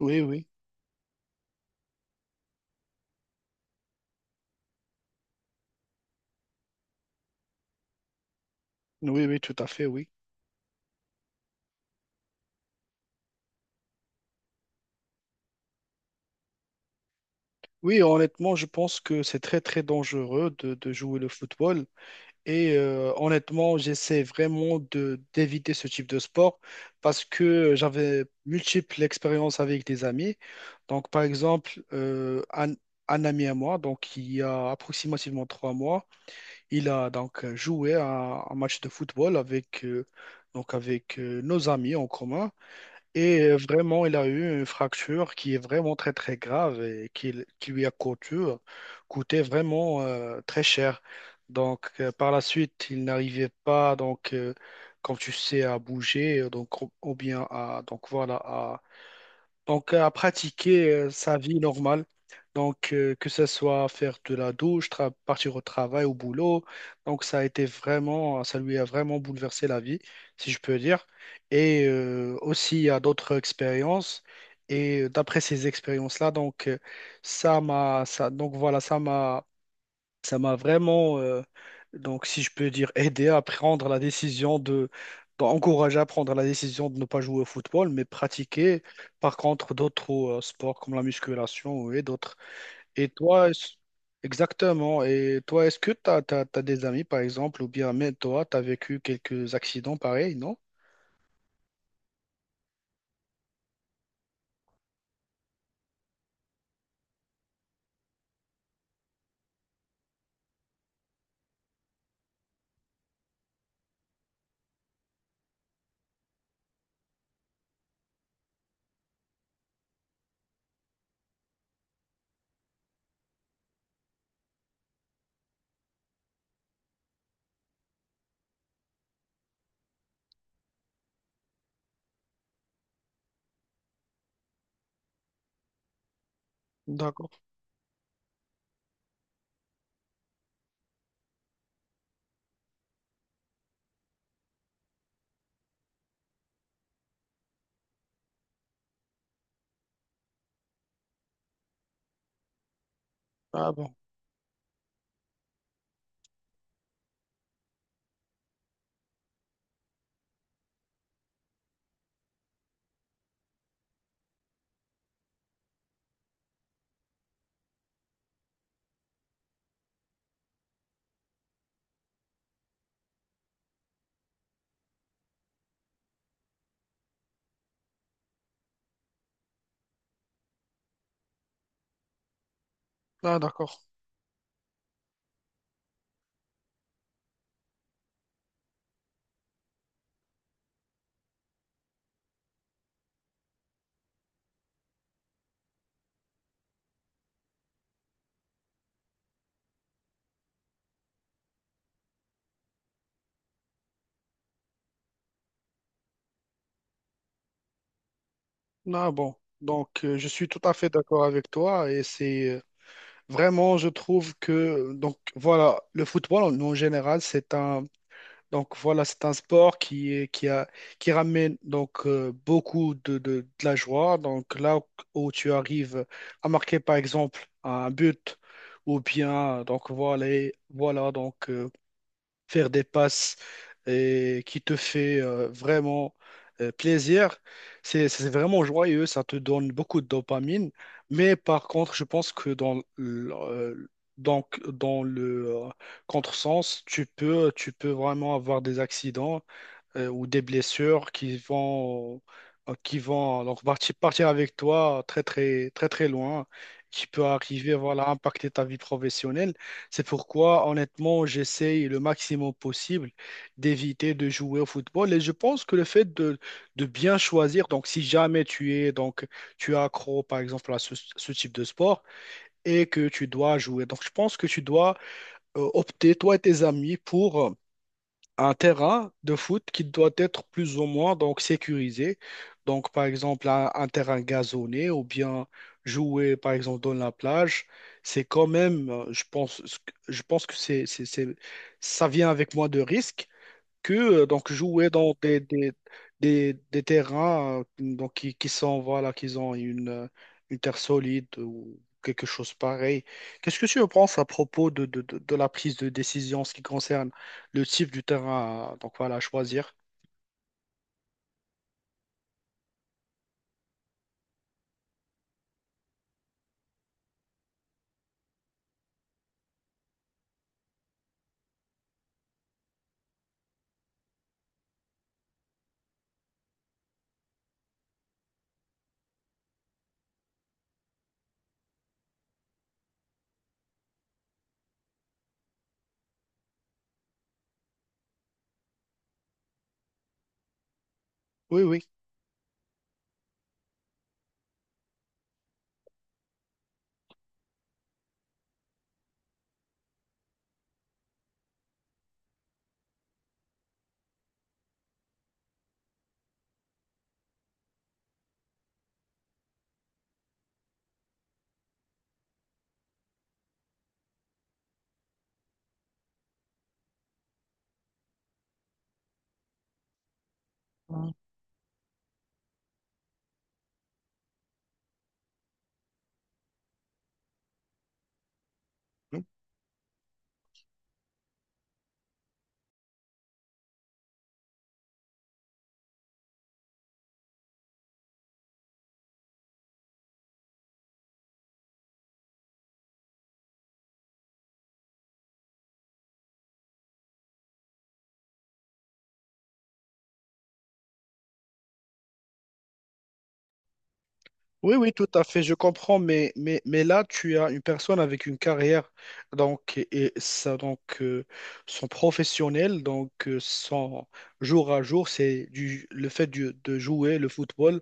Oui, oui, oui, oui, tout à fait, oui. Oui, honnêtement, je pense que c'est très, très dangereux de jouer le football. Et honnêtement, j'essaie vraiment de d'éviter ce type de sport parce que j'avais multiples expériences avec des amis. Donc, par exemple, un ami à moi, donc il y a approximativement 3 mois, il a donc joué à un match de football avec nos amis en commun. Et vraiment, il a eu une fracture qui est vraiment très très grave et qui lui a coûté vraiment très cher. Donc par la suite, il n'arrivait pas comme tu sais à bouger donc ou bien à à pratiquer sa vie normale. Donc, que ce soit faire de la douche, partir au travail, au boulot. Donc, ça a été vraiment, ça lui a vraiment bouleversé la vie, si je peux dire. Et aussi à d'autres expériences. Et d'après ces expériences-là, donc, ça m'a, ça, donc voilà, ça m'a vraiment, si je peux dire, aidé à prendre la décision d'encourager à prendre la décision de ne pas jouer au football, mais pratiquer par contre d'autres sports comme la musculation et d'autres. Et toi, est-ce- Exactement. Et toi, est-ce que tu as des amis, par exemple, ou bien même toi, tu as vécu quelques accidents pareils, non? D'accord. Ah bon. Ah d'accord. Ah bon. Donc, je suis tout à fait d'accord avec toi et c'est vraiment, je trouve que donc voilà, le football en général, c'est un c'est un sport qui a qui ramène donc beaucoup de la joie. Donc là où tu arrives à marquer par exemple un but ou bien faire des passes et qui te fait vraiment plaisir. C'est vraiment joyeux, ça te donne beaucoup de dopamine. Mais par contre, je pense que dans le contresens, tu peux vraiment avoir des accidents ou des blessures qui vont donc partir avec toi très très très très loin, qui peut arriver voilà impacter ta vie professionnelle. C'est pourquoi honnêtement j'essaye le maximum possible d'éviter de jouer au football et je pense que le fait de bien choisir donc si jamais tu es accro par exemple à ce type de sport et que tu dois jouer donc je pense que tu dois opter toi et tes amis pour un terrain de foot qui doit être plus ou moins donc sécurisé. Donc, par exemple, un terrain gazonné ou bien jouer, par exemple, dans la plage, c'est quand même, je pense que ça vient avec moins de risques que donc jouer dans des terrains qui sont voilà qu'ils ont une terre solide ou quelque chose pareil. Qu'est-ce que tu en penses à propos de la prise de décision en ce qui concerne le type du terrain donc voilà à choisir? Oui, oui. Oui, oui, tout à fait, je comprends, mais là, tu as une personne avec une carrière, donc, et ça, donc, son professionnel, donc, son jour à jour, c'est le fait de jouer le football.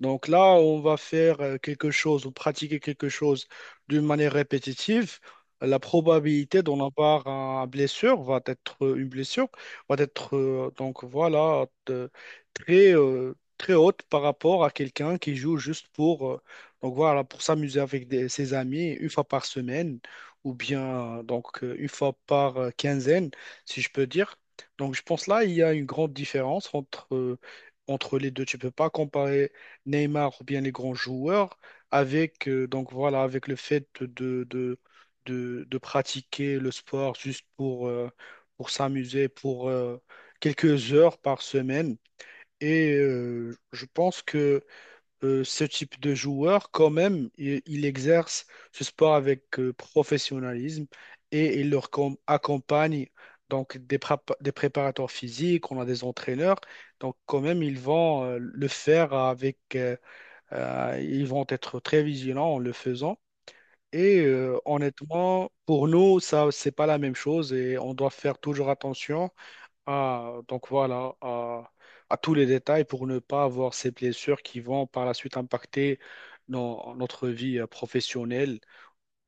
Donc là, on va faire quelque chose ou pratiquer quelque chose d'une manière répétitive. La probabilité d'en avoir une blessure, va être, très, très haute par rapport à quelqu'un qui joue juste pour, pour s'amuser avec ses amis une fois par semaine ou bien une fois par quinzaine, si je peux dire. Donc je pense là, il y a une grande différence entre les deux. Tu peux pas comparer Neymar ou bien les grands joueurs avec, avec le fait de pratiquer le sport juste pour s'amuser, quelques heures par semaine. Et je pense que ce type de joueur, quand même, il exerce ce sport avec professionnalisme et il leur accompagne donc des, des préparateurs physiques, on a des entraîneurs. Donc quand même, ils vont le faire avec ils vont être très vigilants en le faisant. Et honnêtement, pour nous, ça, c'est pas la même chose et on doit faire toujours attention donc voilà, à tous les détails pour ne pas avoir ces blessures qui vont par la suite impacter notre vie professionnelle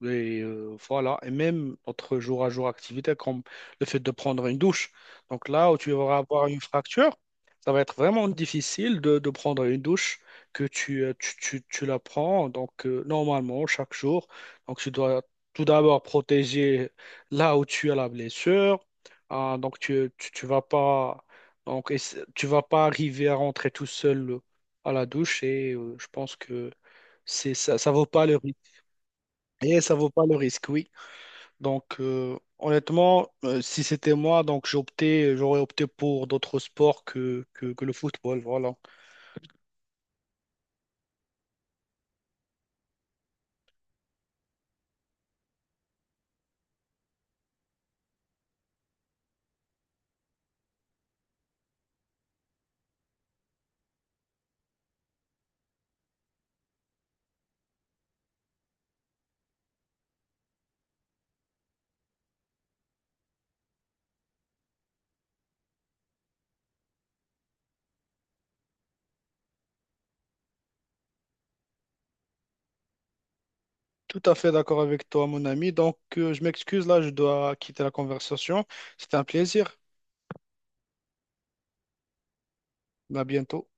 et voilà, et même notre jour à jour activité, comme le fait de prendre une douche. Donc là où tu vas avoir une fracture, ça va être vraiment difficile de prendre une douche que tu la prends. Donc normalement, chaque jour, donc tu dois tout d'abord protéger là où tu as la blessure. Ah, donc tu vas pas, tu vas pas arriver à rentrer tout seul à la douche et je pense que ça vaut pas le risque. Et ça vaut pas le risque, oui. Donc, honnêtement, si c'était moi, j'aurais opté pour d'autres sports que le football. Voilà. Tout à fait d'accord avec toi, mon ami. Donc, je m'excuse, là, je dois quitter la conversation. C'était un plaisir. À bientôt.